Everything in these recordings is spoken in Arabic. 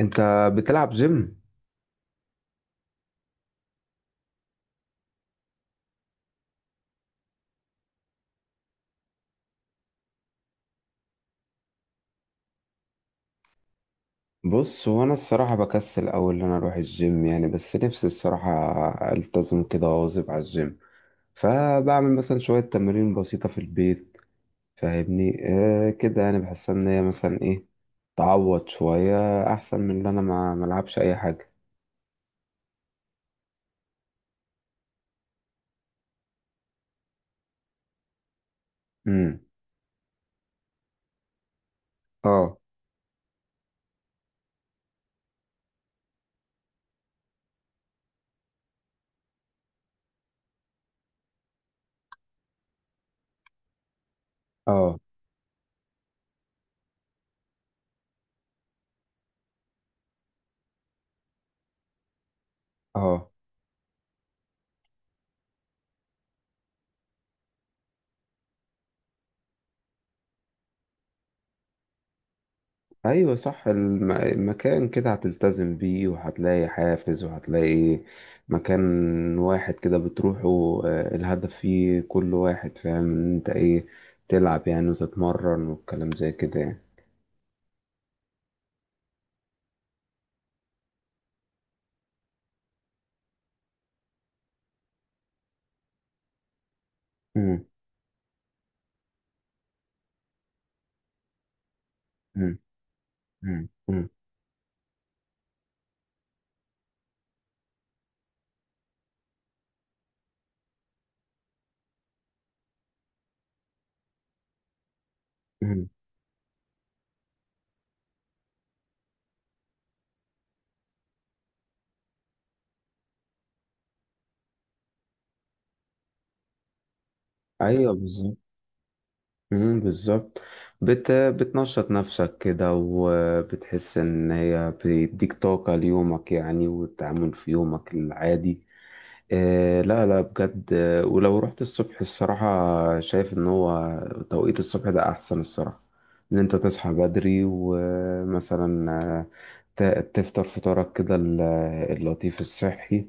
انت بتلعب جيم؟ بص، هو انا الصراحه بكسل اول ان انا اروح الجيم يعني، بس نفسي الصراحه التزم كده واواظب على الجيم. فبعمل مثلا شويه تمارين بسيطه في البيت، فاهمني؟ آه كده، يعني بحس ان هي مثلا ايه، تعوض شويه، احسن من ان انا ما ملعبش اي حاجه. امم. اه اه اه. ايوه صح، المكان كده هتلتزم بيه، وهتلاقي حافز، وهتلاقي مكان واحد كده بتروحه، آه، الهدف فيه، كل واحد فاهم ان انت ايه، تلعب يعني وتتمرن والكلام زي كده يعني. مم، مم، مم، مم، مم. ايوه بالظبط. مم، بالظبط. بتنشط نفسك كده، وبتحس ان هي بتديك طاقة ليومك يعني، والتعامل في يومك العادي. إيه لا لا بجد، آه، ولو رحت الصبح الصراحة، شايف ان هو توقيت الصبح ده احسن الصراحة. ان انت تصحى بدري، ومثلا آه، تفطر فطارك كده، اللطيف الصحي،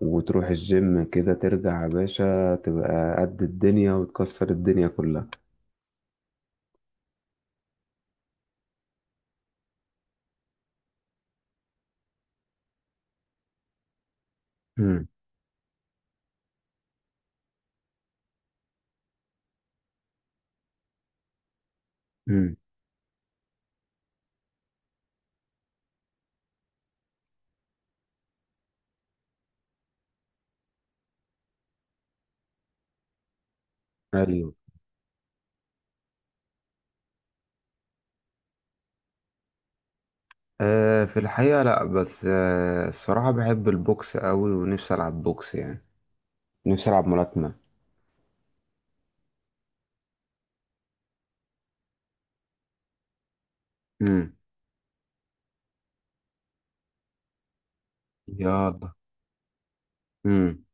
وتروح الجيم، كده ترجع يا باشا تبقى قد الدنيا وتكسر الدنيا كلها. امم. امم. ايوه. آه، في الحقيقة لا، بس آه الصراحة بحب البوكس قوي، ونفسي العب بوكس يعني، نفسي العب ملاكمة. امم. يلا. امم.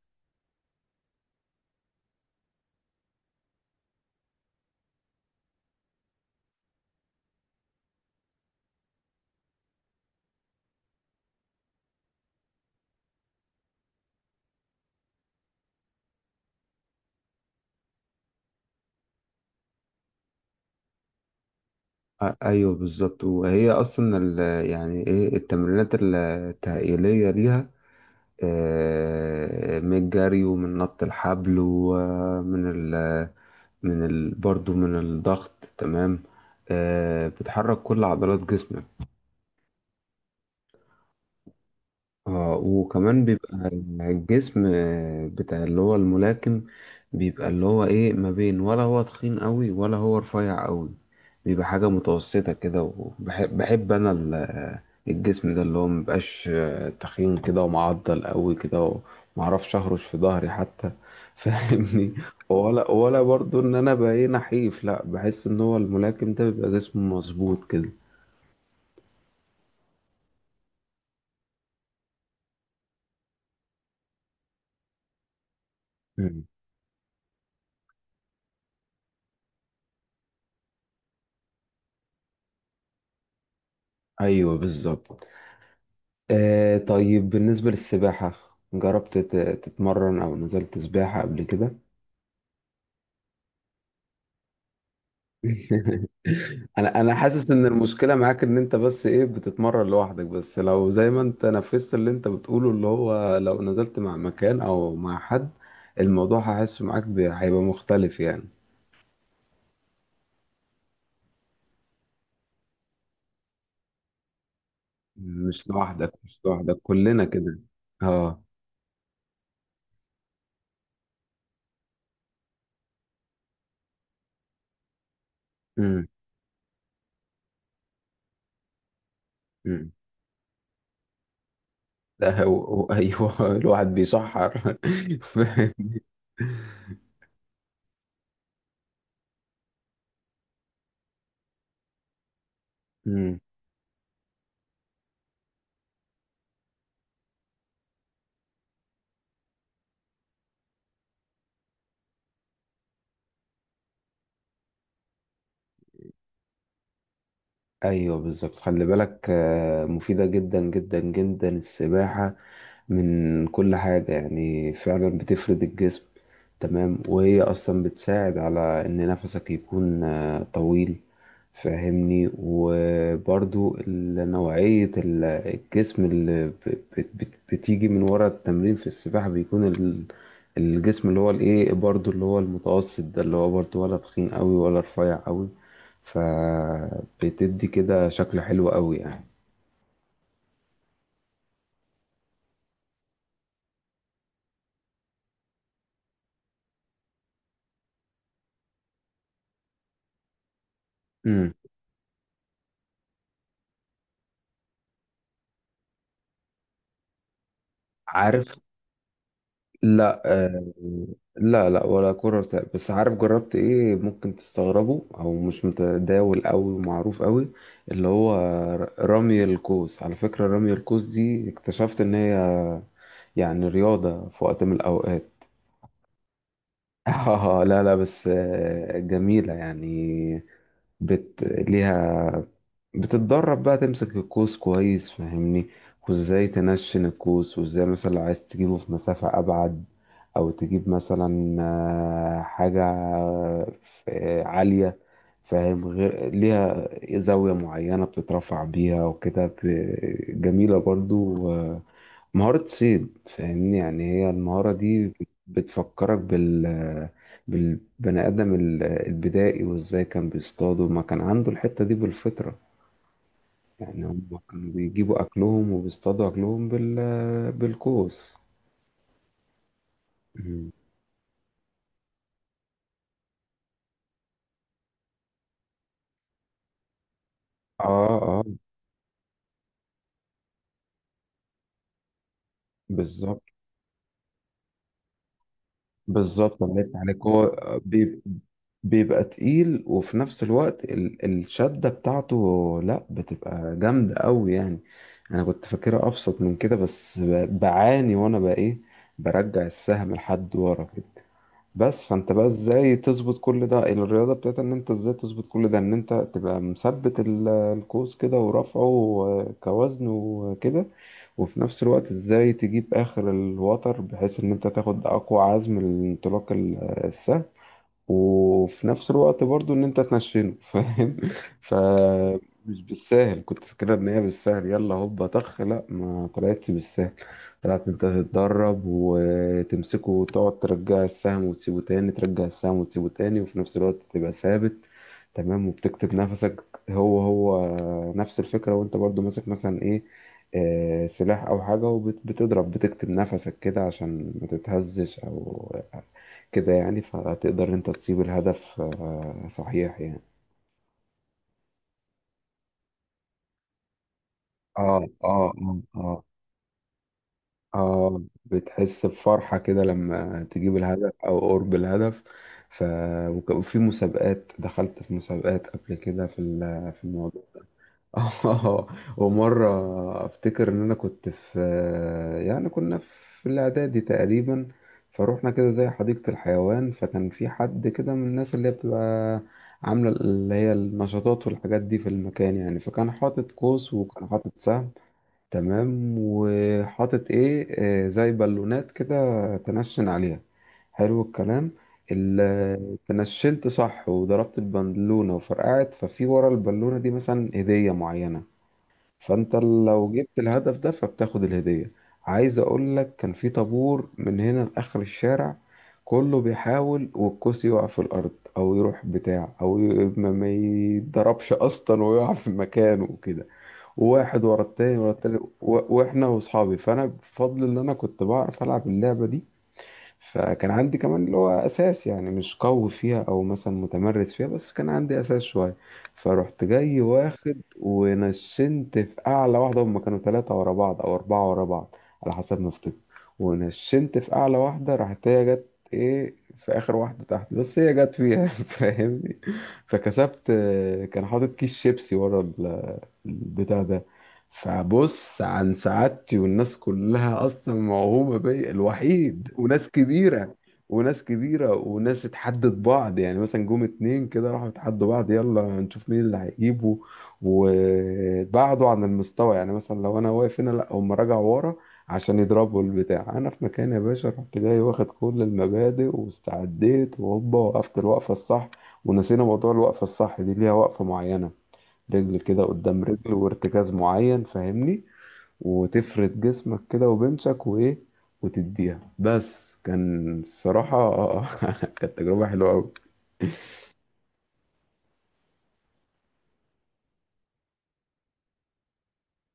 ايوه بالظبط، وهي اصلا يعني ايه، التمرينات التهيئليه ليها، آه، من الجري، ومن نط الحبل، ومن ال من ال برضو من الضغط، تمام. آه، بتحرك كل عضلات جسمك. اه، وكمان بيبقى الجسم، آه، بتاع اللي هو الملاكم، بيبقى اللي هو ايه، ما بين، ولا هو تخين قوي، ولا هو رفيع قوي، بيبقى حاجة متوسطة كده. وبحب انا الجسم ده، اللي هو مبقاش تخين كده ومعضل قوي كده، ومعرفش اهرش في ظهري حتى فاهمني. ولا برضو ان انا بقى ايه، نحيف، لا بحس ان هو الملاكم ده بيبقى جسمه مظبوط كده. مم. ايوه بالظبط. آه طيب، بالنسبة للسباحة، جربت تتمرن أو نزلت سباحة قبل كده؟ أنا حاسس إن المشكلة معاك إن أنت بس إيه، بتتمرن لوحدك، بس لو زي ما أنت نفذت اللي أنت بتقوله، اللي هو لو نزلت مع مكان أو مع حد، الموضوع هيبقى مختلف يعني. مش لوحدك كلنا كده. أه. أمم، أمم. ده أيوه الواحد بيشحر امم. ايوه بالظبط، خلي بالك آه، مفيدة جدا جدا جدا السباحة، من كل حاجة يعني، فعلا بتفرد الجسم، تمام. وهي أصلا بتساعد على إن نفسك يكون آه، طويل، فاهمني. وبرضو ال- نوعية ال- الجسم اللي ب- بت- بت- بتيجي من ورا التمرين في السباحة، بيكون الجسم اللي هو الإيه برضو، اللي هو المتوسط ده، اللي هو برضو، ولا تخين قوي ولا رفيع قوي، فبتدي كده شكل حلو قوي يعني. مم. عارف. لا آه، لا ولا كرة ارتقاء، بس عارف جربت ايه، ممكن تستغربوا او مش متداول قوي ومعروف قوي، اللي هو رمي القوس. على فكرة رمي القوس دي، اكتشفت ان هي يعني رياضة في وقت من الاوقات. اه لا لا، بس آه، جميلة يعني. ليها، بتتدرب بقى تمسك القوس كويس فاهمني، وازاي تنشن القوس، وازاي مثلا لو عايز تجيبه في مسافة أبعد، أو تجيب مثلا آه، حاجة، ف- عالية، فاهم، غير ليها زاوية معينة بتترفع بيها، وكده، ب- جميلة برضو، آه، مهارة صيد، فاهمني يعني. هي المهارة دي بتفكرك بالبني آدم البدائي، وإزاي كان بيصطادوا، ما كان عنده الحتة دي بالفطرة يعني، هم كانوا بيجيبوا أكلهم وبيصطادوا أكلهم بالقوس. مم. آه آه. بالظبط. بالظبط الله يفتح عليك. هو بيب- بيبقى تقيل، وفي نفس الوقت الشدة بتاعته لا بتبقى جامدة أوي يعني. أنا كنت فاكرها أبسط من كده، بس بعاني وأنا بقى إيه، برجع السهم لحد ورا كده، بس فانت بقى ازاي تظبط كل ده، الرياضة بتاعت ان انت ازاي تظبط كل ده، ان انت تبقى مثبت القوس كده، ورفعه كوزن وكده، وفي نفس الوقت ازاي تجيب اخر الوتر بحيث ان انت تاخد اقوى عزم الانطلاق، السهل، وفي نفس الوقت برضو ان انت تنشنه، فاهم، فمش بالساهل. كنت فاكرها ان هي بالسهل، يلا هوبا طخ، لا ما طلعتش بالسهل، طلعت انت تتدرب وتمسكه وتقعد ترجع السهم وتسيبه تاني، ترجع السهم وتسيبه تاني، وفي نفس الوقت تبقى ثابت، تمام، وبتكتب نفسك. هو نفس الفكرة، وانت برضو ماسك مثلا ايه، آه، سلاح او حاجة، وبتضرب، بتكتب نفسك كده عشان ما تتهزش او كده يعني، فتقدر انت تصيب الهدف آه، صحيح يعني. اه اه اه اه اه، بتحس بفرحة كده لما تجيب الهدف او قرب الهدف. ف وفي مسابقات، دخلت في مسابقات قبل كده، في الموضوع. اه. ومرة افتكر ان انا كنت في، يعني كنا في الاعدادي تقريبا، فروحنا كده زي حديقة الحيوان، فكان في حد كده من الناس اللي هي بتبقى عاملة اللي هي النشاطات والحاجات دي في المكان يعني، فكان حاطط قوس، وكان حاطط سهم، تمام، وحاطط ايه، آه، زي بالونات كده تنشن عليها. حلو الكلام، تنشنت صح وضربت البالونة وفرقعت، ففي ورا البالونة دي مثلا هدية معينة، فانت لو جبت الهدف ده فبتاخد الهدية. عايز اقول لك كان في طابور من هنا لاخر الشارع، كله بيحاول، والكوس يقع في الارض او يروح بتاع، او ما يتضربش اصلا، ويقع في مكانه وكده، واحد ورا التاني ورا التاني، واحنا واصحابي، فانا بفضل ان انا كنت بعرف العب اللعبة دي، فكان عندي كمان اللي هو اساس يعني، مش قوي فيها او مثلا متمرس فيها، بس كان عندي اساس شويه. فرحت جاي واخد، ونشنت في اعلى واحده، هم كانوا ثلاثه ورا بعض او اربعه ورا بعض على حسب ما افتكر، ونشنت في اعلى واحده، راحت هي جت ايه، في اخر واحده تحت، بس هي جت فيها فاهمني، فكسبت. كان حاطط كيس شيبسي ورا البتاع ده. فبص عن سعادتي، والناس كلها اصلا موهومه بيا، الوحيد، وناس كبيره، وناس كبيره وناس اتحدت بعض يعني، مثلا جم اتنين كده راحوا اتحدوا بعض، يلا نشوف مين اللي هيجيبه، وبعدوا عن المستوى، يعني مثلا لو انا واقف هنا لا، هم رجعوا ورا عشان يضربوا البتاع، انا في مكان يا باشا رحت جاي واخد كل المبادئ واستعديت وهوبا، وقفت الوقفه الصح. ونسينا موضوع الوقفه الصح دي ليها وقفه معينه، رجل كده قدام رجل، وارتكاز معين فاهمني، وتفرد جسمك كده، وبنشك، وايه، وتديها، بس كان الصراحة كانت تجربة حلوة أوي.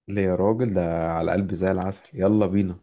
ليه يا راجل، ده على قلبي زي العسل، يلا بينا.